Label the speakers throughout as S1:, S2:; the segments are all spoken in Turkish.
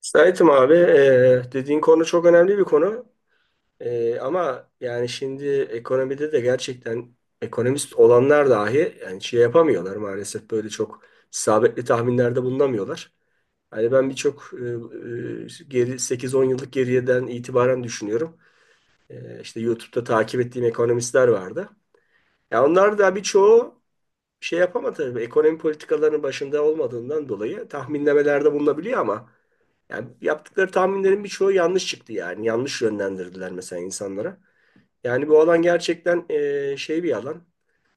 S1: Sait'im abi dediğin konu çok önemli bir konu. Ama yani şimdi ekonomide de gerçekten ekonomist olanlar dahi yani şey yapamıyorlar maalesef böyle çok isabetli tahminlerde bulunamıyorlar. Hani ben birçok geri 8-10 yıllık geriyeden itibaren düşünüyorum. E, işte YouTube'da takip ettiğim ekonomistler vardı. Ya onlar da birçoğu bir şey yapamadı. Tabii ekonomi politikalarının başında olmadığından dolayı tahminlemelerde bulunabiliyor ama yani yaptıkları tahminlerin birçoğu yanlış çıktı yani. Yanlış yönlendirdiler mesela insanlara. Yani bu alan gerçekten şey bir alan.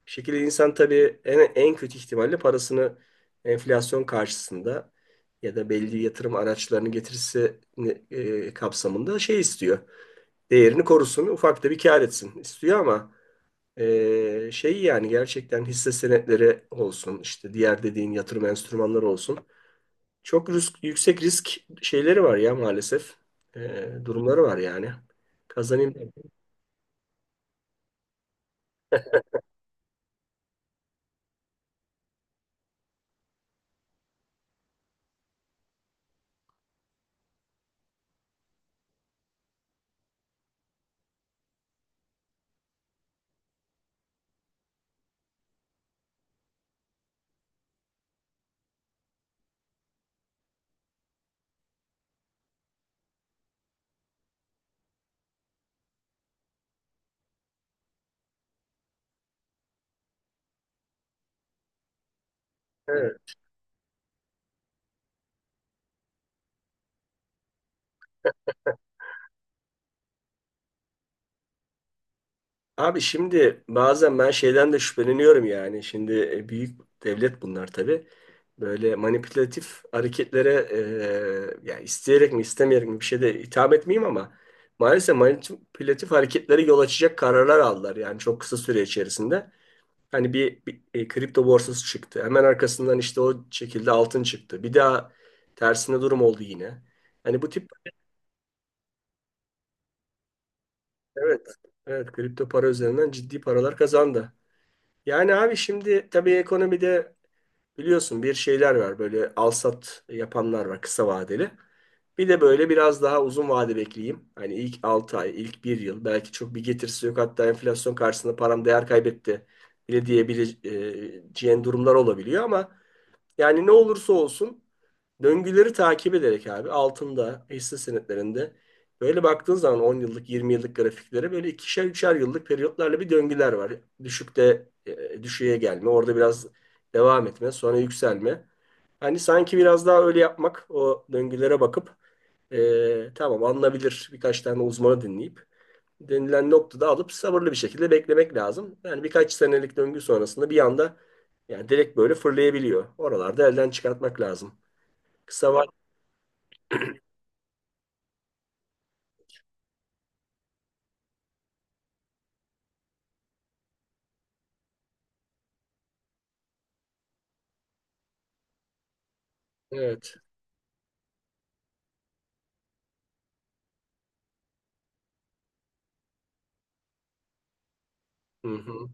S1: Bir şekilde insan tabii en kötü ihtimalle parasını enflasyon karşısında ya da belli yatırım araçlarını getirisi kapsamında şey istiyor. Değerini korusun, ufak da bir kâr etsin istiyor ama şey yani gerçekten hisse senetleri olsun işte diğer dediğin yatırım enstrümanları olsun. Çok risk, yüksek risk şeyleri var ya maalesef. Durumları var yani. Kazanayım. Evet. Abi şimdi bazen ben şeyden de şüpheleniyorum yani. Şimdi büyük devlet bunlar tabii. Böyle manipülatif hareketlere yani isteyerek mi istemeyerek mi bir şey de hitap etmeyeyim ama maalesef manipülatif hareketlere yol açacak kararlar aldılar yani çok kısa süre içerisinde. Hani bir kripto borsası çıktı. Hemen arkasından işte o şekilde altın çıktı. Bir daha tersine durum oldu yine. Hani bu tip evet, evet, kripto para üzerinden ciddi paralar kazandı. Yani abi şimdi tabii ekonomide biliyorsun bir şeyler var. Böyle al-sat yapanlar var kısa vadeli. Bir de böyle biraz daha uzun vade bekleyeyim. Hani ilk 6 ay, ilk bir yıl belki çok bir getirisi yok. Hatta enflasyon karşısında param değer kaybetti bile diyebileceğin durumlar olabiliyor ama yani ne olursa olsun döngüleri takip ederek abi altında, hisse senetlerinde böyle baktığın zaman 10 yıllık, 20 yıllık grafiklere böyle ikişer, üçer yıllık periyotlarla bir döngüler var. Düşükte düşüğe gelme, orada biraz devam etme, sonra yükselme. Hani sanki biraz daha öyle yapmak, o döngülere bakıp tamam alınabilir birkaç tane uzmanı dinleyip denilen noktada alıp sabırlı bir şekilde beklemek lazım. Yani birkaç senelik döngü sonrasında bir anda yani direkt böyle fırlayabiliyor. Oralarda elden çıkartmak lazım. Kısa var. Evet. Hı hı,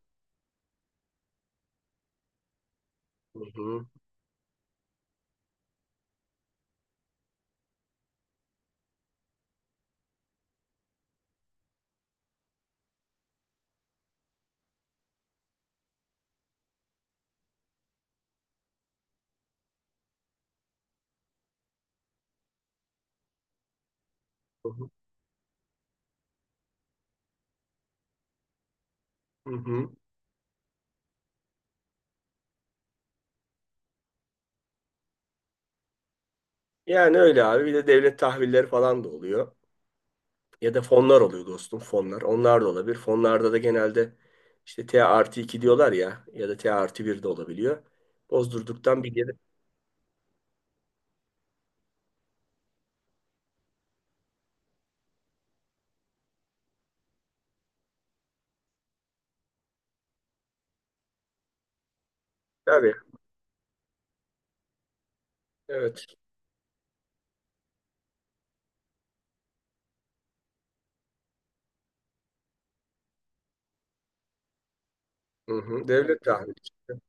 S1: hı hı, hı hı, hı hı. Yani öyle abi. Bir de devlet tahvilleri falan da oluyor. Ya da fonlar oluyor dostum fonlar. Onlar da olabilir. Fonlarda da genelde işte T+2 diyorlar ya ya da T+1 de olabiliyor. Bozdurduktan bir yere. Tabii. Evet. Hı hı. Devlet tahvili işte.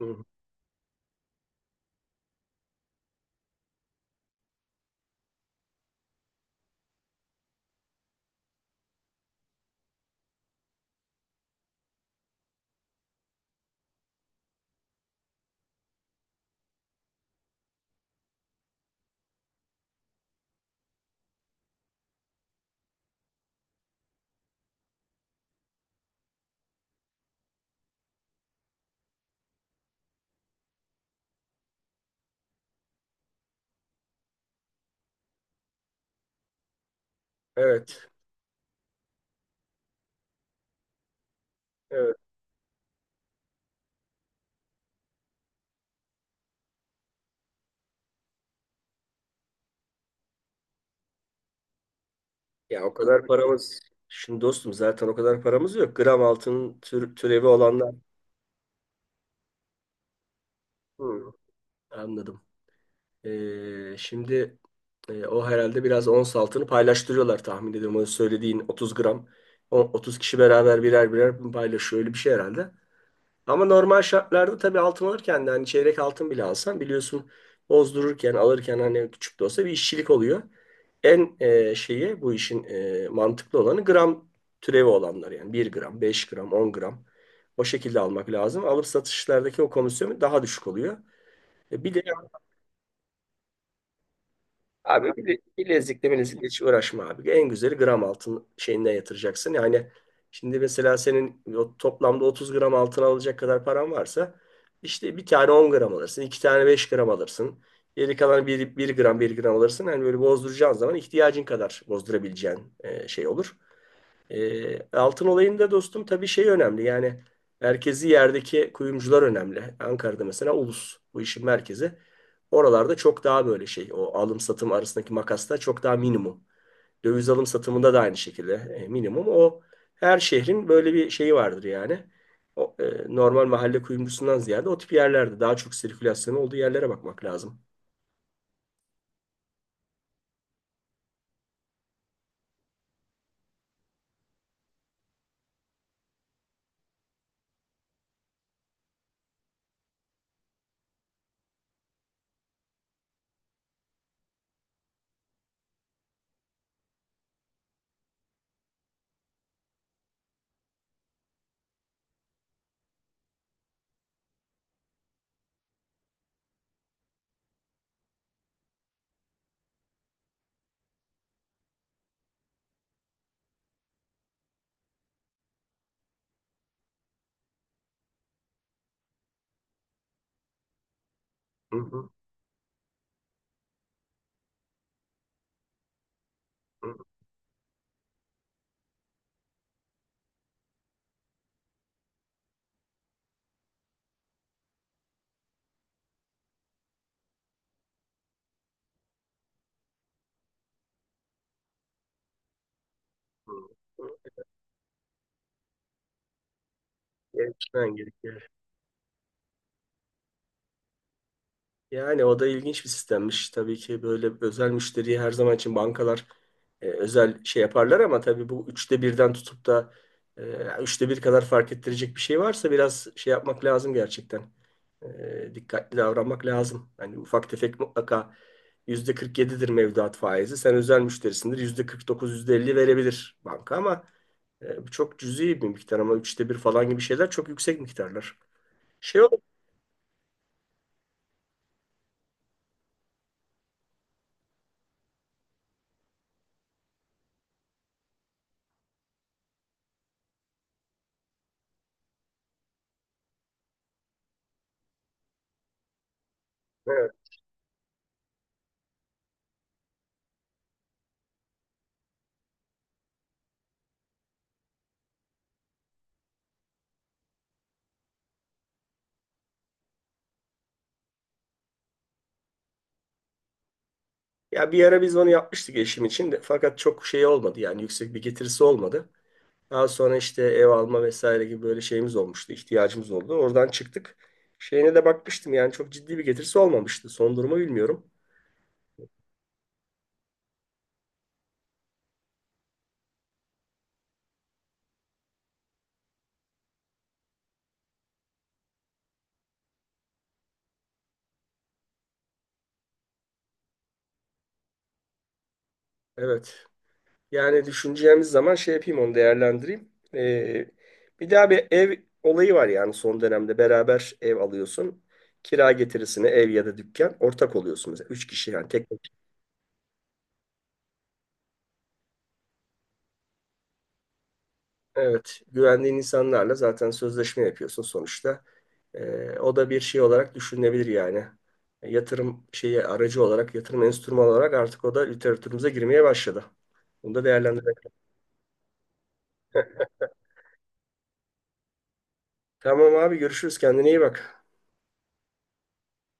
S1: Hı hı. Evet. Evet. Ya o kadar paramız. Şimdi dostum zaten o kadar paramız yok. Gram altın türevi olanlar. Hı. Anladım. Şimdi o herhalde biraz ons altını paylaştırıyorlar tahmin ediyorum. O söylediğin 30 gram. O 30 kişi beraber birer birer bunu paylaşıyor. Öyle bir şey herhalde. Ama normal şartlarda tabii altın alırken de hani çeyrek altın bile alsan biliyorsun bozdururken alırken hani küçük de olsa bir işçilik oluyor. En şeyi bu işin mantıklı olanı gram türevi olanlar yani bir gram, 5 gram, 10 gram o şekilde almak lazım. Alıp satışlardaki o komisyon daha düşük oluyor. Bir de abi, bilezikle hiç uğraşma abi. En güzeli gram altın şeyinden yatıracaksın. Yani şimdi mesela senin o toplamda 30 gram altın alacak kadar paran varsa işte bir tane 10 gram alırsın, iki tane 5 gram alırsın. Geri kalan bir gram bir gram alırsın. Yani böyle bozduracağın zaman ihtiyacın kadar bozdurabileceğin şey olur. Altın olayında dostum tabii şey önemli yani merkezi yerdeki kuyumcular önemli. Ankara'da mesela Ulus bu işin merkezi. Oralarda çok daha böyle şey o alım satım arasındaki makasta çok daha minimum. Döviz alım satımında da aynı şekilde minimum. O her şehrin böyle bir şeyi vardır yani. O, normal mahalle kuyumcusundan ziyade o tip yerlerde daha çok sirkülasyon olduğu yerlere bakmak lazım. Hı, hı hı, hı. Gelişmen gerekiyor. Yani o da ilginç bir sistemmiş. Tabii ki böyle özel müşteriyi her zaman için bankalar özel şey yaparlar ama tabii bu üçte birden tutup da üçte bir kadar fark ettirecek bir şey varsa biraz şey yapmak lazım gerçekten. Dikkatli davranmak lazım. Hani ufak tefek mutlaka %47'dir mevduat faizi. Sen özel müşterisindir %49 %50 verebilir banka ama bu çok cüzi bir miktar ama üçte bir falan gibi şeyler çok yüksek miktarlar. Şey olur. Ya bir ara biz onu yapmıştık eşim için de fakat çok şey olmadı yani yüksek bir getirisi olmadı. Daha sonra işte ev alma vesaire gibi böyle şeyimiz olmuştu, ihtiyacımız oldu. Oradan çıktık. Şeyine de bakmıştım yani çok ciddi bir getirisi olmamıştı. Son durumu bilmiyorum. Evet. Yani düşüneceğimiz zaman şey yapayım onu değerlendireyim. Ee, Bir daha bir ev olayı var yani son dönemde beraber ev alıyorsun. Kira getirisine ev ya da dükkan ortak oluyorsunuz. Üç kişi yani tek. Evet, güvendiğin insanlarla zaten sözleşme yapıyorsun sonuçta. O da bir şey olarak düşünülebilir yani. Yatırım şeyi aracı olarak, yatırım enstrümanı olarak artık o da literatürümüze girmeye başladı. Bunu da değerlendirelim. Tamam abi görüşürüz. Kendine iyi bak.